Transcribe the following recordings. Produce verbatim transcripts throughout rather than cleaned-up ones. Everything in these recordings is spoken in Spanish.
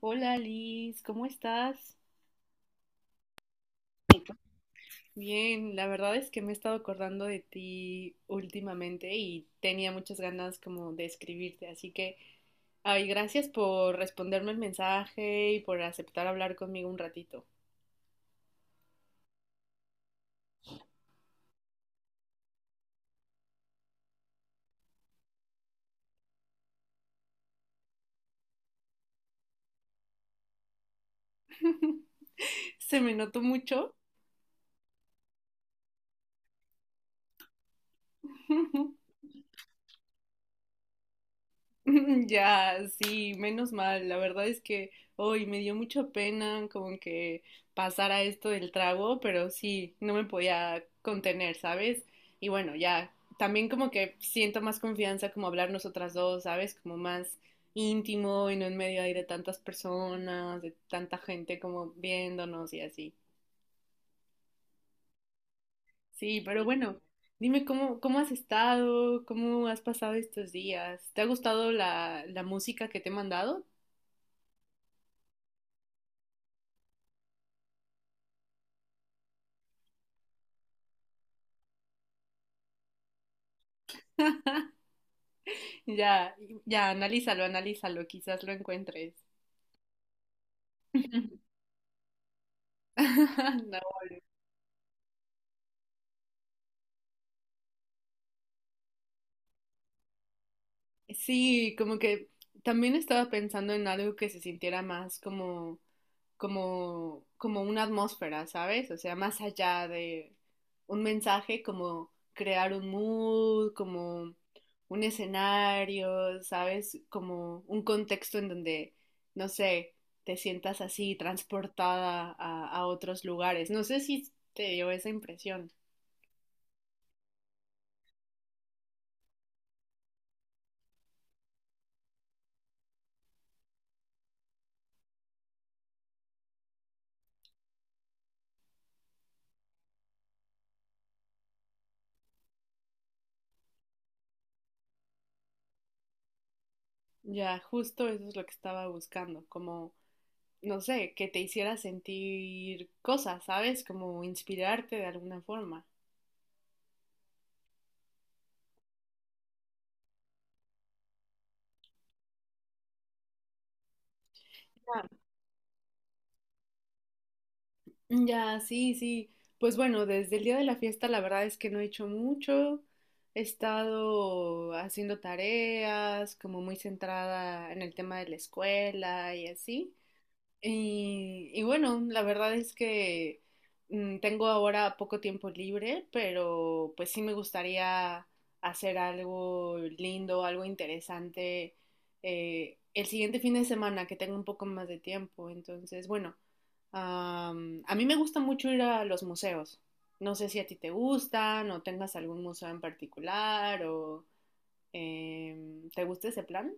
Hola Liz, ¿cómo estás? Bien, la verdad es que me he estado acordando de ti últimamente y tenía muchas ganas como de escribirte, así que, ay, gracias por responderme el mensaje y por aceptar hablar conmigo un ratito. Se me notó mucho. Ya, sí, menos mal. La verdad es que hoy me dio mucha pena como que pasara esto del trago, pero sí, no me podía contener, ¿sabes? Y bueno, ya, también como que siento más confianza como hablar nosotras dos, ¿sabes? Como más íntimo y no en medio ahí de tantas personas, de tanta gente como viéndonos y así. Sí, pero bueno, dime cómo, cómo has estado, cómo has pasado estos días. ¿Te ha gustado la, la música que te he mandado? Ya, ya, analízalo, analízalo, quizás lo encuentres. No. Sí, como que también estaba pensando en algo que se sintiera más como, como, como una atmósfera, ¿sabes? O sea, más allá de un mensaje, como crear un mood, como un escenario, ¿sabes? Como un contexto en donde, no sé, te sientas así transportada a, a otros lugares. No sé si te dio esa impresión. Ya, justo eso es lo que estaba buscando, como, no sé, que te hiciera sentir cosas, ¿sabes? Como inspirarte de alguna forma. Ya. Ya, sí, sí. Pues bueno, desde el día de la fiesta la verdad es que no he hecho mucho. He estado haciendo tareas, como muy centrada en el tema de la escuela y así. Y, y bueno, la verdad es que mm, tengo ahora poco tiempo libre, pero pues sí me gustaría hacer algo lindo, algo interesante eh, el siguiente fin de semana que tengo un poco más de tiempo. Entonces, bueno, am, a mí me gusta mucho ir a los museos. No sé si a ti te gustan o tengas algún museo en particular o em, te gusta ese plan.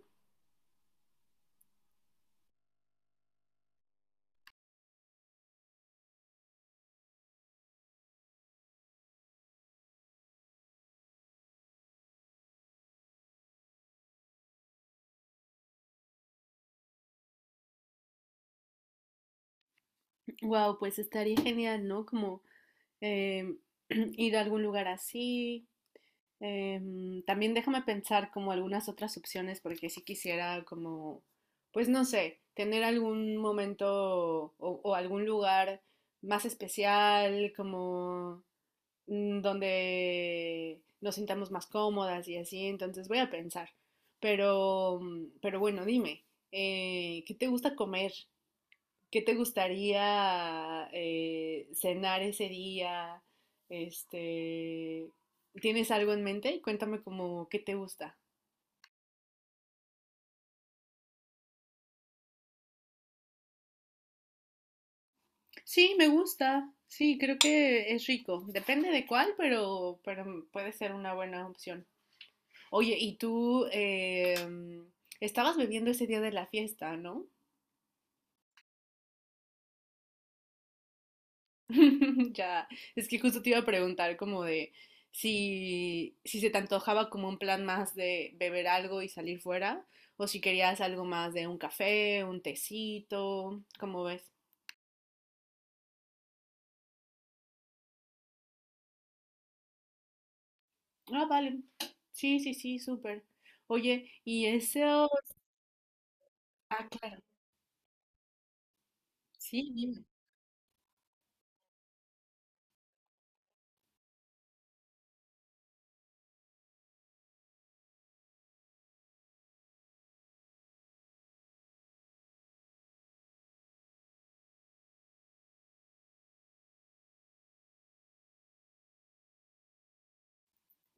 Wow, pues estaría genial, ¿no? Como eh, ir a algún lugar así. Eh, también déjame pensar como algunas otras opciones porque si sí quisiera como, pues no sé, tener algún momento o, o algún lugar más especial, como mm, donde nos sintamos más cómodas y así, entonces voy a pensar. Pero, mm, pero bueno, dime, eh, ¿qué te gusta comer? ¿Qué te gustaría eh, cenar ese día? Este, ¿tienes algo en mente? Cuéntame como qué te gusta. Sí, me gusta. Sí, creo que es rico. Depende de cuál, pero, pero puede ser una buena opción. Oye, y tú eh, estabas bebiendo ese día de la fiesta, ¿no? Ya, es que justo te iba a preguntar como de si, si se te antojaba como un plan más de beber algo y salir fuera, o si querías algo más de un café, un tecito, ¿cómo ves? Ah, vale. Sí, sí, sí, súper. Oye, y ese... o- Ah, claro. Sí, dime.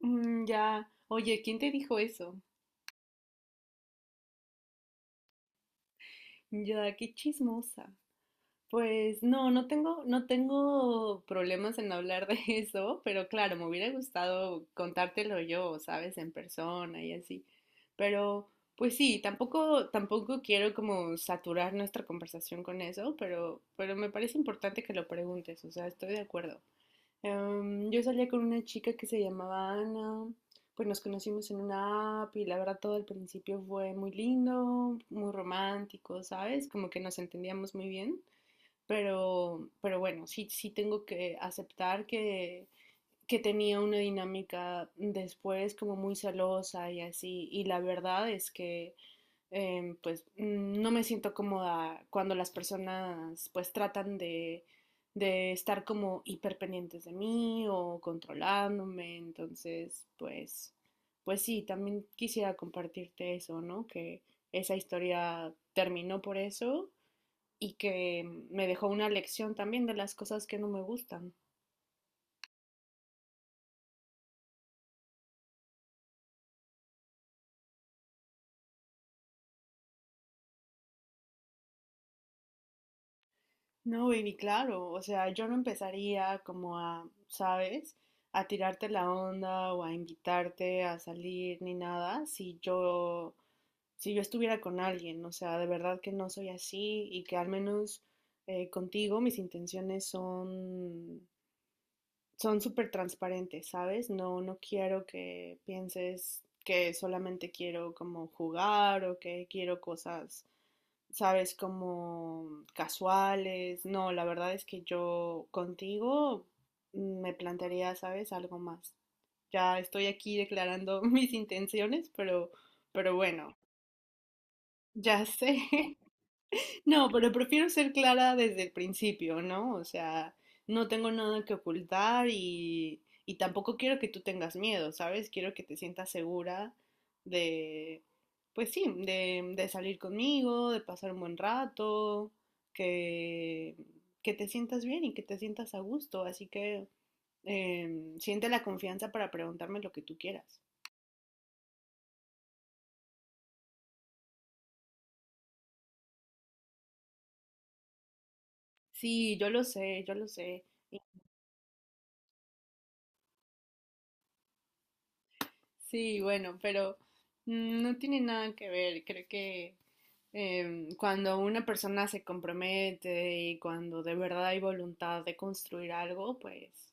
Mm, ya. Oye, ¿quién te dijo eso? Ya, qué chismosa. Pues no, no tengo, no tengo problemas en hablar de eso, pero claro, me hubiera gustado contártelo yo, ¿sabes? En persona y así. Pero, pues sí, tampoco, tampoco quiero como saturar nuestra conversación con eso, pero, pero me parece importante que lo preguntes, o sea, estoy de acuerdo. Em, yo salía con una chica que se llamaba Ana, pues nos conocimos en una app y la verdad todo al principio fue muy lindo, muy romántico, ¿sabes? Como que nos entendíamos muy bien. Pero, pero bueno, sí, sí tengo que aceptar que, que tenía una dinámica después como muy celosa y así. Y la verdad es que em, pues mm, no me siento cómoda cuando las personas pues tratan de, de estar como hiperpendientes de mí o controlándome. Entonces, pues, pues sí, también quisiera compartirte eso, ¿no? Que esa historia terminó por eso y que me dejó una lección también de las cosas que no me gustan. No, baby, claro, o sea, yo no empezaría como a, ¿sabes? A tirarte la onda o a invitarte a salir ni nada si yo, si yo estuviera con alguien, o sea, de verdad que no soy así y que al menos eh, contigo mis intenciones son son súper transparentes, ¿sabes? No, no quiero que pienses que solamente quiero como jugar o que quiero cosas sabes, como casuales. No, la verdad es que yo contigo me plantearía, sabes, algo más. Ya estoy aquí declarando mis intenciones, pero, pero bueno, ya sé no, pero prefiero ser clara desde el principio, ¿no? O sea, no tengo nada que ocultar y, y tampoco quiero que tú tengas miedo, ¿sabes? Quiero que te sientas segura de, pues sí, de, de salir conmigo, de pasar un buen rato, que, que te sientas bien y que te sientas a gusto. Así que em, siente la confianza para preguntarme lo que tú quieras. Sí, yo lo sé, yo lo sé. Sí, bueno, pero mm, no tiene nada que ver. Creo que em, cuando una persona se compromete y cuando de verdad hay voluntad de construir algo, pues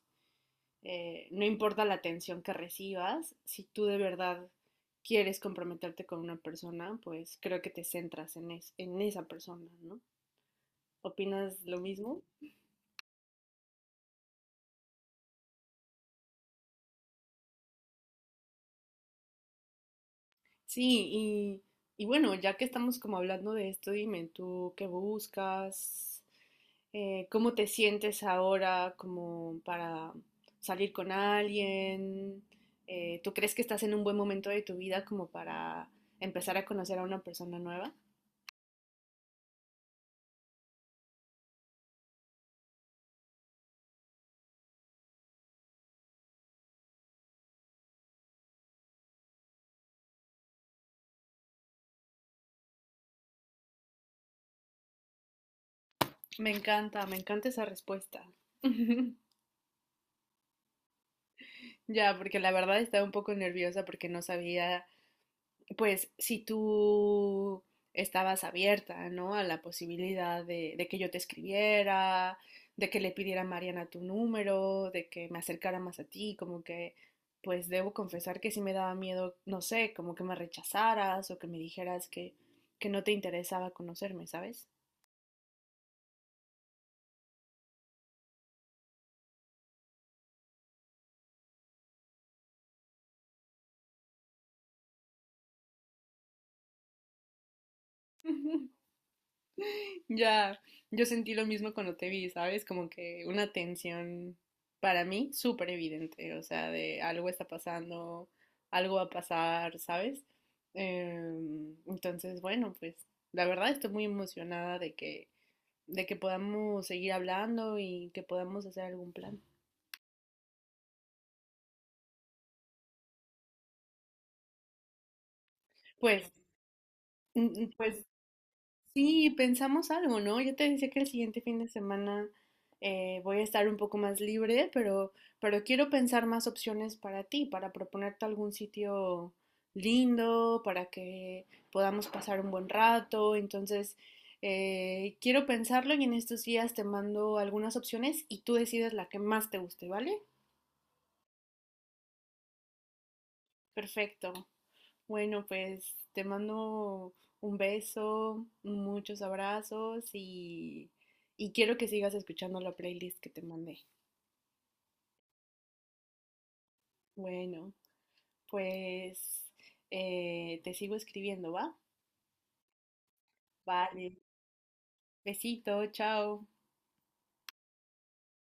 eh, no importa la atención que recibas, si tú de verdad quieres comprometerte con una persona, pues creo que te centras en es- en esa persona, ¿no? ¿Opinas lo mismo? Sí, y, y bueno, ya que estamos como hablando de esto, dime tú qué buscas, eh, ¿cómo te sientes ahora como para salir con alguien? Eh, ¿tú crees que estás en un buen momento de tu vida como para empezar a conocer a una persona nueva? Me encanta, me encanta esa respuesta. Ya, porque la verdad estaba un poco nerviosa porque no sabía pues si tú estabas abierta, ¿no? A la posibilidad de, de que yo te escribiera, de que le pidiera a Mariana tu número, de que me acercara más a ti, como que, pues debo confesar que sí me daba miedo, no sé, como que me rechazaras o que me dijeras que, que no te interesaba conocerme, ¿sabes? Ya, yo sentí lo mismo cuando te vi, ¿sabes? Como que una tensión para mí súper evidente, o sea, de algo está pasando, algo va a pasar, ¿sabes? Em, entonces, bueno, pues la verdad estoy muy emocionada de que, de que podamos seguir hablando y que podamos hacer algún plan. Pues, mm, mm, pues Sí, pensamos algo, ¿no? Yo te decía que el siguiente fin de semana eh, voy a estar un poco más libre, pero, pero quiero pensar más opciones para ti, para proponerte algún sitio lindo, para que podamos pasar un buen rato. Entonces, eh, quiero pensarlo y en estos días te mando algunas opciones y tú decides la que más te guste, ¿vale? Perfecto. Bueno, pues te mando un beso, muchos abrazos y, y quiero que sigas escuchando la playlist que te mandé. Bueno, pues eh, te sigo escribiendo, ¿va? Vale, besito, chao.